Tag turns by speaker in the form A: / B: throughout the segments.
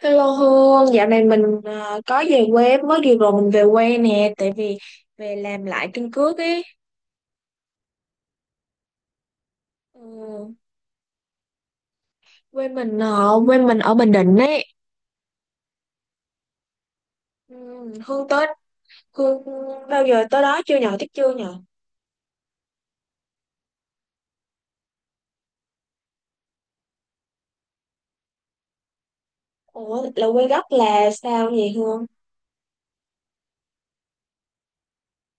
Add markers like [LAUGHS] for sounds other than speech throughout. A: Hello Hương, dạo này mình có về quê mới vừa rồi mình về quê nè, tại vì về làm lại căn cước ấy. Ừ, quê mình ở Bình Định ấy. Ừ, Hương tới Hương bao giờ tới đó chưa nhờ, thích chưa nhờ. Ủa là quê gốc là sao vậy Hương?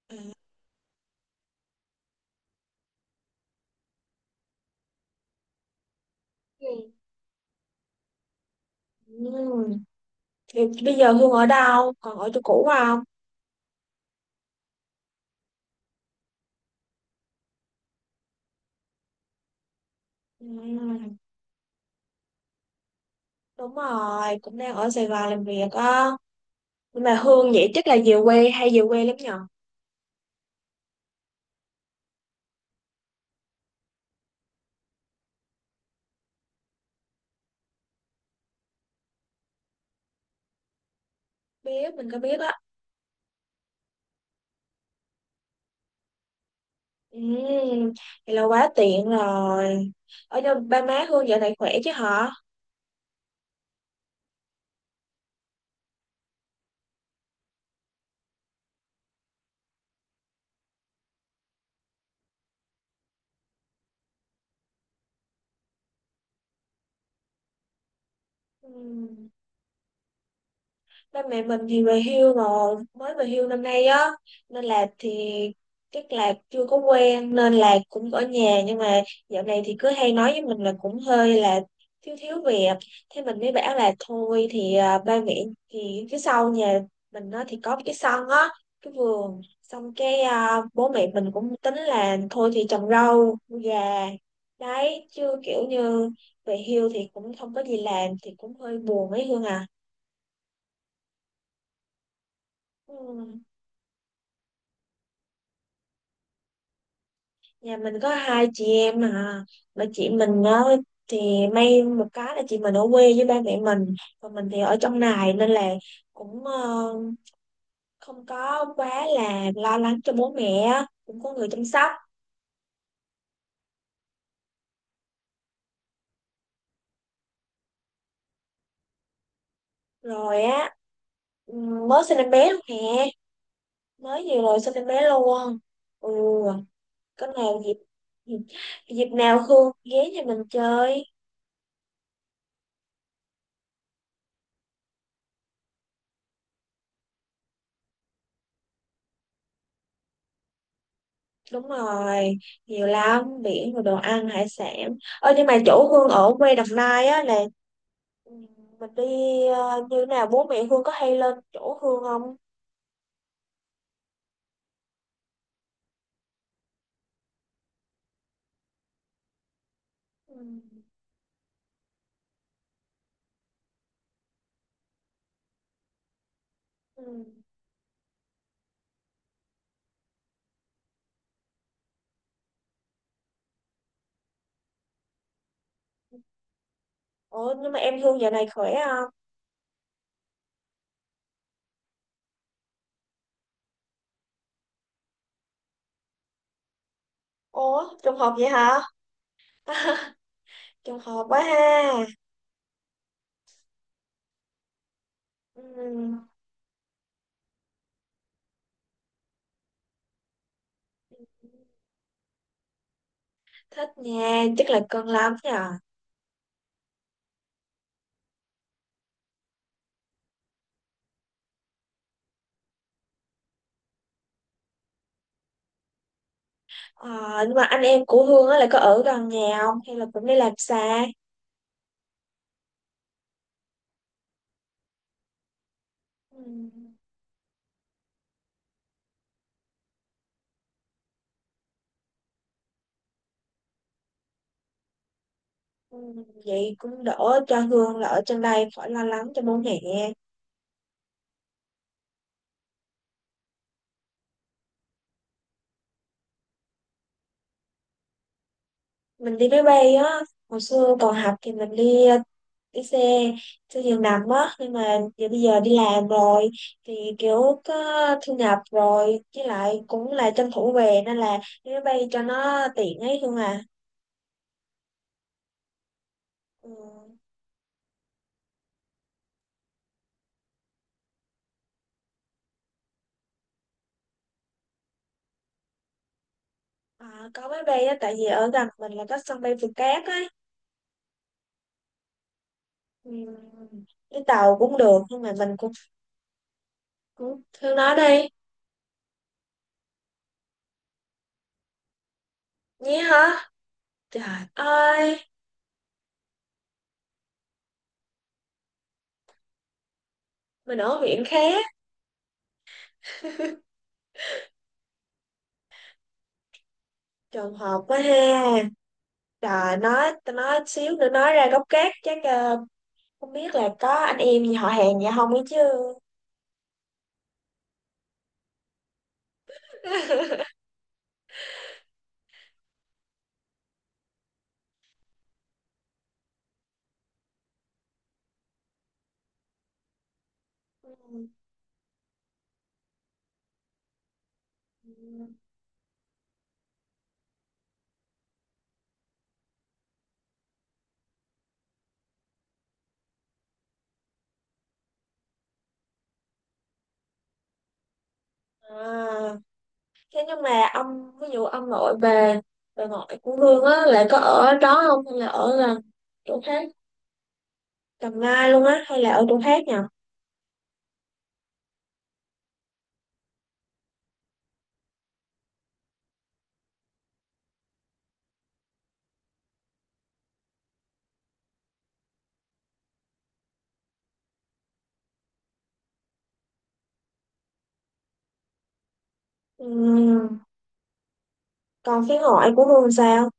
A: À, Ừ. ừ. Thì bây giờ Hương ở đâu? Còn ở chỗ cũ không? Ừ, đúng rồi, cũng đang ở Sài Gòn làm việc á. Nhưng mà Hương vậy chắc là về quê hay về quê lắm nhờ? Biết mình có biết á. Ừ, vậy là quá tiện rồi. Ở đâu ba má Hương dạo này khỏe chứ hả? Ừ. Ba mẹ mình thì về hưu rồi, mới về hưu năm nay á, nên là thì chắc là chưa có quen nên là cũng ở nhà, nhưng mà dạo này thì cứ hay nói với mình là cũng hơi là thiếu thiếu việc. Thế mình mới bảo là thôi thì ba mẹ thì phía sau nhà mình nó thì có cái sân á, cái vườn, xong bố mẹ mình cũng tính là thôi thì trồng rau nuôi gà. Đấy chứ kiểu như về hưu thì cũng không có gì làm thì cũng hơi buồn ấy Hương à. Ừ. Nhà mình có hai chị em à, mà chị mình á thì may một cái là chị mình ở quê với ba mẹ mình, còn mình thì ở trong này nên là cũng không có quá là lo lắng cho bố mẹ á, cũng có người chăm sóc. Rồi á, mới sinh em bé luôn nè, mới vừa rồi sinh em bé luôn. Ừ, có nào dịp dịp nào Hương ghé nhà mình chơi. Đúng rồi, nhiều lắm biển rồi đồ ăn hải sản. Ơ nhưng mà chỗ Hương ở quê Đồng Nai á là, Ừ, mình đi như nào bố mẹ Hương có hay lên chỗ Hương không? Ừ. Ừ. Ủa nhưng mà em Hương giờ này khỏe không? Ủa trùng hợp vậy hả? [LAUGHS] Trùng hợp quá ha. Ừ. Thích nha, chắc là cưng lắm nhờ. Ờ, nhưng mà anh em của Hương á là có ở gần nhà không? Hay là cũng đi làm xa? Ừ. Ừ. Vậy cũng đỡ cho Hương là ở trên đây khỏi lo lắng cho bố mẹ. Mình đi máy bay á, hồi xưa còn học thì mình đi xe xe giường nằm á, nhưng mà giờ bây giờ đi làm rồi thì kiểu có thu nhập rồi, với lại cũng là tranh thủ về nên là đi máy bay cho nó tiện ấy luôn à. Ừ. À có máy bay á, tại vì ở gần mình là có sân bay Phù Cát ấy. Ừ. Đi tàu cũng được nhưng mà mình cũng cũng thương nó đi nhé hả, trời ơi. Mình ở huyện khác. [LAUGHS] Trùng hợp quá ha. Rồi nói tao nói xíu nữa nói ra gốc gác chắc không biết là có anh em gì họ hàng gì không ấy chứ. [LAUGHS] À, thế nhưng mà ông ví dụ ông nội bà ngoại của Hương á là có ở đó không, hay là ở là chỗ khác Đồng Nai luôn á, hay là ở chỗ khác nhỉ? Ừm, còn phía ngoại của Hương sao?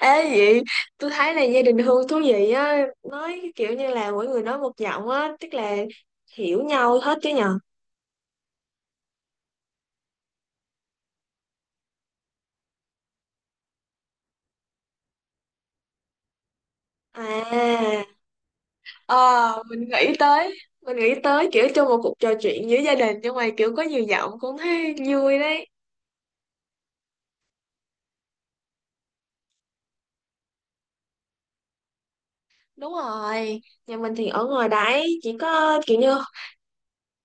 A: Ê vậy tôi thấy là gia đình Hương thú vị á, nói kiểu như là mỗi người nói một giọng á, tức là hiểu nhau hết chứ nhờ. À, Ờ, mình nghĩ tới kiểu trong một cuộc trò chuyện giữa gia đình nhưng mà kiểu có nhiều giọng cũng thấy vui đấy. Đúng rồi, nhà mình thì ở ngoài đấy chỉ có kiểu như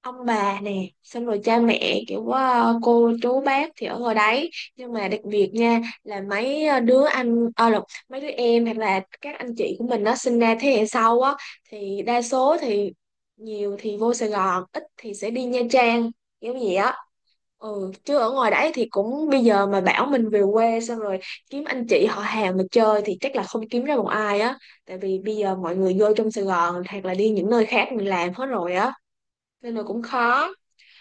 A: ông bà nè, xong rồi cha mẹ kiểu cô chú bác thì ở ngoài đấy. Nhưng mà đặc biệt nha, là mấy đứa anh ờ lộn, mấy đứa em hoặc là các anh chị của mình nó sinh ra thế hệ sau á, thì đa số thì nhiều thì vô Sài Gòn, ít thì sẽ đi Nha Trang kiểu gì á. Ừ, chứ ở ngoài đấy thì cũng bây giờ mà bảo mình về quê xong rồi kiếm anh chị họ hàng mà chơi thì chắc là không kiếm ra một ai á, tại vì bây giờ mọi người vô trong Sài Gòn hoặc là đi những nơi khác mình làm hết rồi á, nên là cũng khó.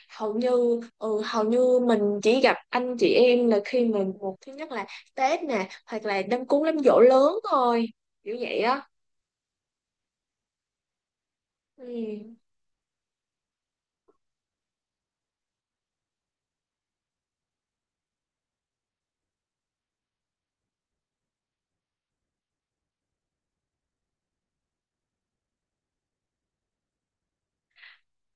A: Hầu như ừ, hầu như mình chỉ gặp anh chị em là khi mình một thứ nhất là Tết nè, hoặc là đám cúng đám giỗ lớn thôi, kiểu vậy á. Ừ,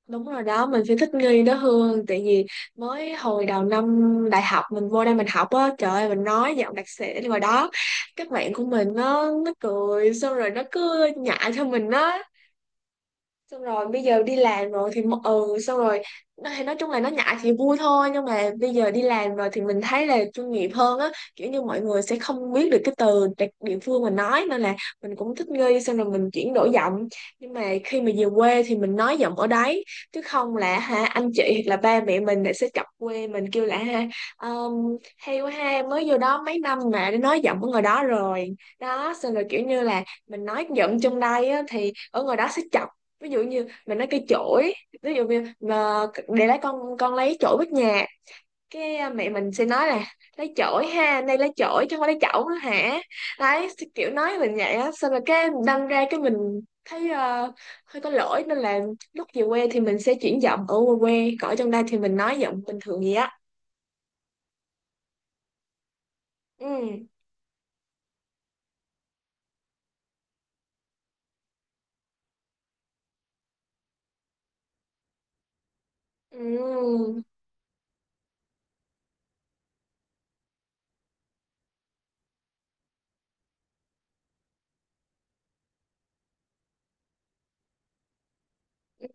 A: đúng rồi đó, mình phải thích nghi đó Hương, tại vì mới hồi đầu năm đại học mình vô đây mình học á, trời ơi mình nói giọng đặc sĩ ngoài đó, các bạn của mình nó cười xong rồi nó cứ nhại cho mình á, xong rồi bây giờ đi làm rồi thì ừ xong rồi thì nói chung là nó ngại thì vui thôi, nhưng mà bây giờ đi làm rồi thì mình thấy là chuyên nghiệp hơn á, kiểu như mọi người sẽ không biết được cái từ đặc địa phương mình nói nên là mình cũng thích nghi xong rồi mình chuyển đổi giọng. Nhưng mà khi mà về quê thì mình nói giọng ở đấy, chứ không là ha anh chị hoặc là ba mẹ mình lại sẽ chọc quê mình kêu là ha, hay quá ha, mới vô đó mấy năm mà đã nói giọng ở ngoài đó rồi đó. Xong rồi kiểu như là mình nói giọng trong đây á, thì ở ngoài đó sẽ chọc, ví dụ như mình nói cây chổi, ví dụ như mà để lấy con lấy chổi bếp nhà, mẹ mình sẽ nói là lấy chổi ha, đây lấy chổi chứ không phải lấy chậu nữa hả. Đấy, kiểu nói mình vậy á, xong rồi cái đâm ra cái mình thấy hơi có lỗi nên là lúc về quê thì mình sẽ chuyển giọng ở quê quê, còn ở trong đây thì mình nói giọng bình thường vậy á. Ừ. Ừ. Ừ.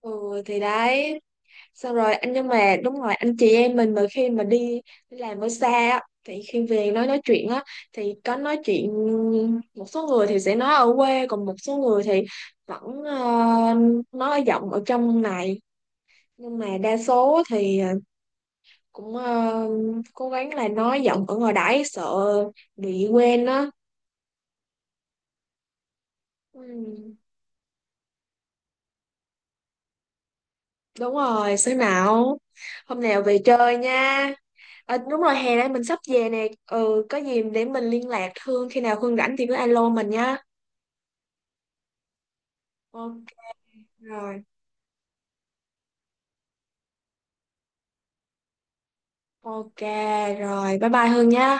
A: Ừ thì đấy, xong rồi anh nhưng mà đúng rồi anh chị em mình mà khi mà đi đi làm ở xa á, thì khi về nói chuyện á thì có nói chuyện, một số người thì sẽ nói ở quê, còn một số người thì vẫn nói giọng ở trong này. Nhưng mà đa số thì cũng ờ, cố gắng là nói giọng ở ngoài đãi sợ bị quên á. Ừ, đúng rồi xế nào hôm nào về chơi nha. Ờ, đúng rồi hè đây mình sắp về nè, ừ có gì để mình liên lạc Hương, khi nào Hương rảnh thì cứ alo mình nha. Ok, rồi. Ok, rồi bye bye Hương nha.